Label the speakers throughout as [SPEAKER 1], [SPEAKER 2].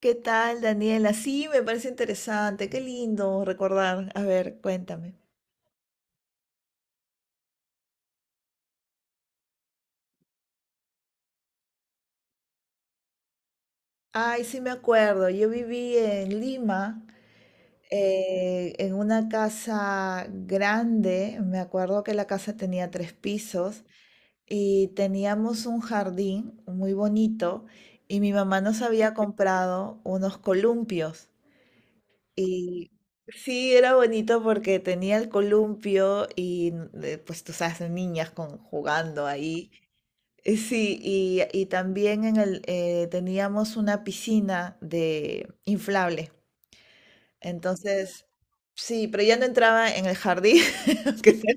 [SPEAKER 1] ¿Qué tal, Daniela? Sí, me parece interesante, qué lindo recordar. A ver, cuéntame. Ay, sí me acuerdo, yo viví en Lima, en una casa grande, me acuerdo que la casa tenía tres pisos y teníamos un jardín muy bonito y mi mamá nos había comprado unos columpios y Sí, era bonito porque tenía el columpio y pues tú sabes, niñas jugando ahí. Sí, y también en el teníamos una piscina de inflable. Entonces, sí, pero ya no entraba en el jardín. Aunque sea.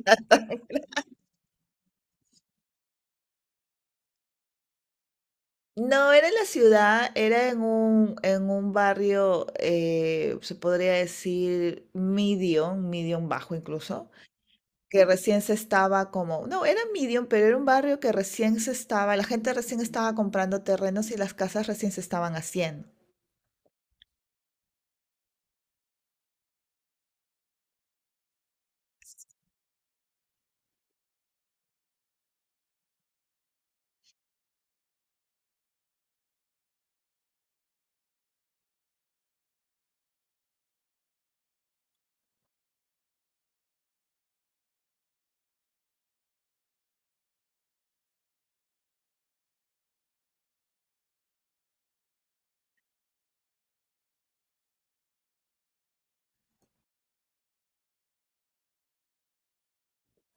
[SPEAKER 1] No, era en la ciudad, era en un barrio, se podría decir medium bajo incluso, que recién se estaba como, no, era medium, pero era un barrio que recién se estaba, la gente recién estaba comprando terrenos y las casas recién se estaban haciendo.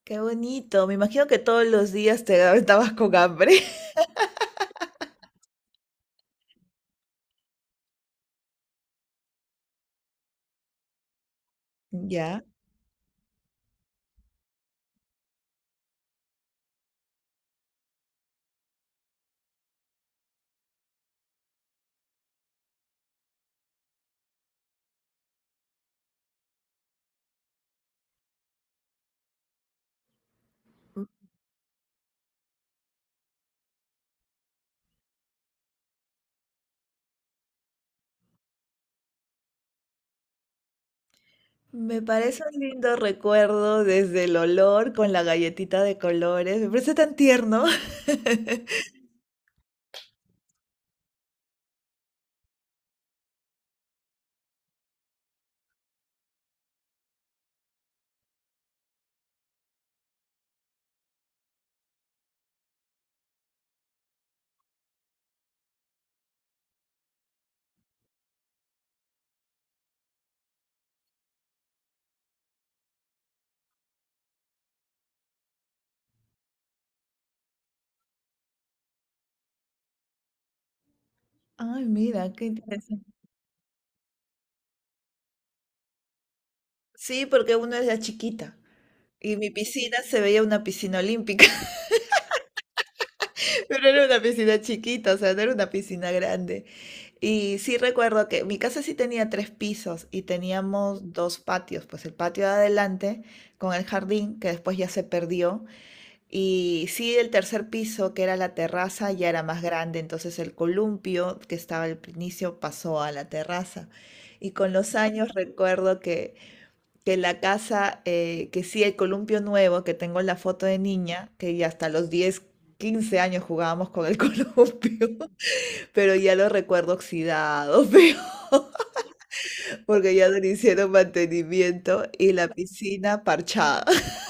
[SPEAKER 1] Qué bonito. Me imagino que todos los días te estabas con hambre. Ya. M- Me parece un lindo recuerdo desde el olor con la galletita de colores. Me parece tan tierno. Ay, mira, qué interesante. Sí, porque uno era chiquita y mi piscina se veía una piscina olímpica, pero era una piscina chiquita, o sea, no era una piscina grande. Y sí recuerdo que mi casa sí tenía tres pisos y teníamos dos patios, pues el patio de adelante con el jardín, que después ya se perdió. Y sí, el tercer piso, que era la terraza, ya era más grande, entonces el columpio que estaba al inicio pasó a la terraza. Y con los años recuerdo que la casa, que sí, el columpio nuevo, que tengo la foto de niña, que ya hasta los 10 15 años jugábamos con el columpio, pero ya lo recuerdo oxidado, feo, porque ya no le hicieron mantenimiento y la piscina parchada.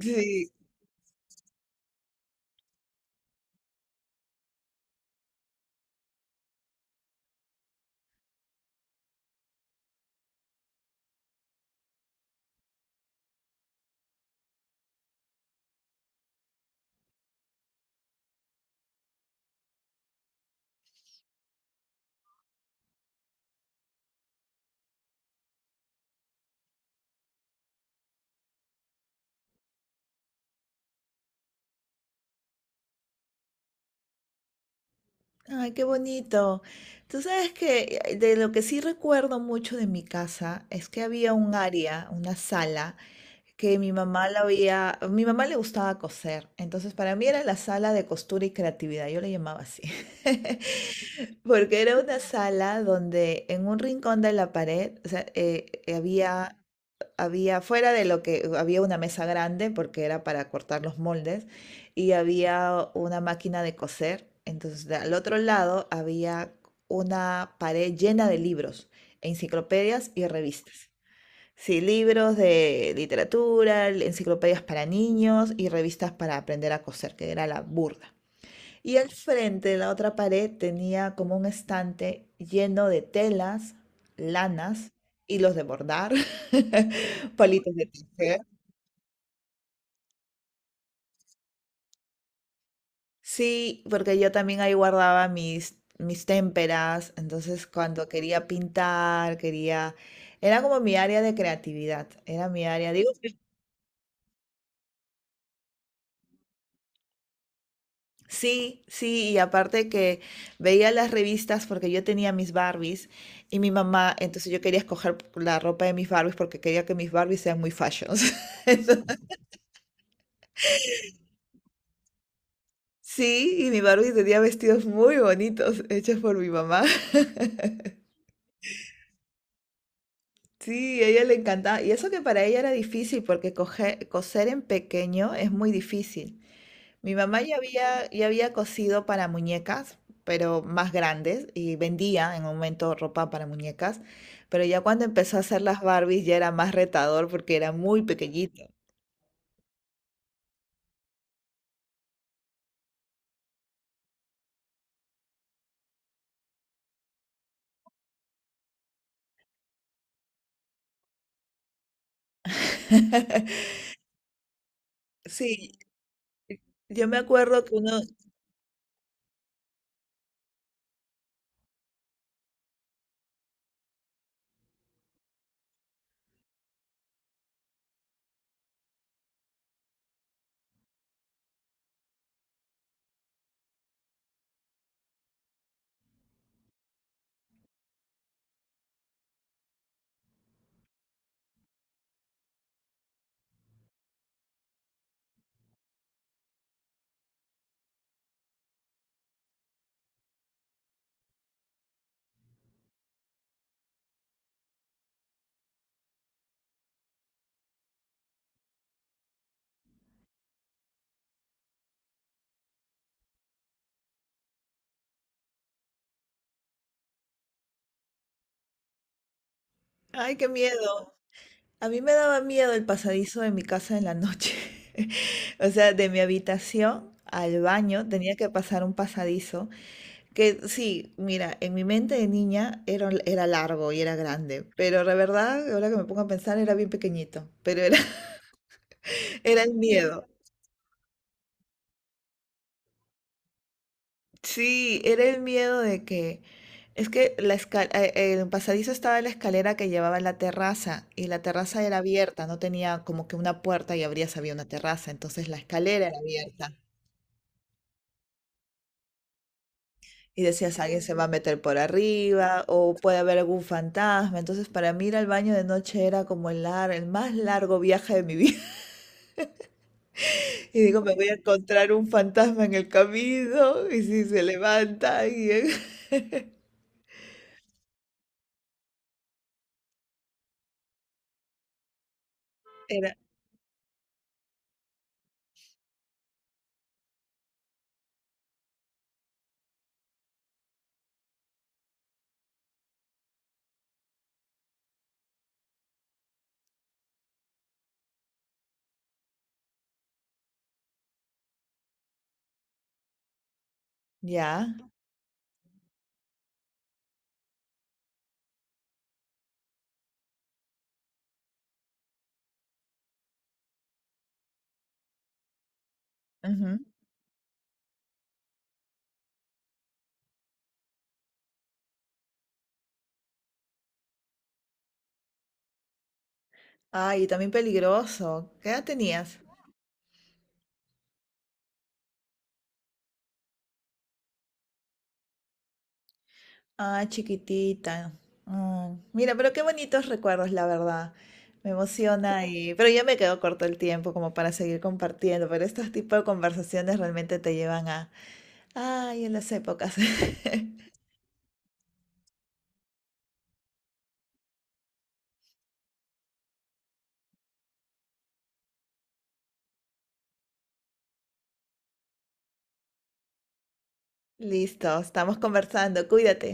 [SPEAKER 1] Sí. Ay, qué bonito. Tú sabes que de lo que sí recuerdo mucho de mi casa es que había un área, una sala, que mi mamá la había, a mi mamá le gustaba coser, entonces para mí era la sala de costura y creatividad, yo le llamaba así, porque era una sala donde en un rincón de la pared, o sea, había, fuera de lo que había una mesa grande porque era para cortar los moldes y había una máquina de coser. Entonces, al otro lado había una pared llena de libros, enciclopedias y revistas. Sí, libros de literatura, enciclopedias para niños y revistas para aprender a coser, que era la burda. Y al frente de la otra pared tenía como un estante lleno de telas, lanas, hilos de bordar, palitos de tejer. Sí, porque yo también ahí guardaba mis témperas, entonces cuando quería pintar, quería... Era como mi área de creatividad, era mi área, digo, sí, sí, y aparte que veía las revistas porque yo tenía mis Barbies y mi mamá, entonces yo quería escoger la ropa de mis Barbies porque quería que mis Barbies sean muy fashions. Sí, y mi Barbie tenía vestidos muy bonitos hechos por mi mamá. Sí, a ella le encantaba. Y eso que para ella era difícil porque coser en pequeño es muy difícil. Mi mamá ya había cosido para muñecas, pero más grandes, y vendía en un momento ropa para muñecas, pero ya cuando empezó a hacer las Barbies ya era más retador porque era muy pequeñito. Sí, yo me acuerdo que uno, ay, qué miedo. A mí me daba miedo el pasadizo de mi casa en la noche. O sea, de mi habitación al baño tenía que pasar un pasadizo. Que sí, mira, en mi mente de niña era largo y era grande, pero la verdad, ahora que me pongo a pensar, era bien pequeñito, pero era, era el miedo. Sí, era el miedo de que, es que el pasadizo estaba en la escalera que llevaba a la terraza y la terraza era abierta, no tenía como que una puerta y abrías había una terraza, entonces la escalera era abierta. Y decías, alguien se va a meter por arriba o puede haber algún fantasma. Entonces, para mí ir al baño de noche era como el más largo viaje de mi vida. Y digo, me voy a encontrar un fantasma en el camino, y si se levanta, y era, ya, ujú. Ay, y también peligroso. ¿Qué edad tenías? Ah, chiquitita. Ah, mira, pero qué bonitos recuerdos, la verdad. Me emociona pero ya me quedo corto el tiempo como para seguir compartiendo, pero estos tipos de conversaciones realmente te llevan a, ay, en las épocas. Listo, estamos conversando, cuídate.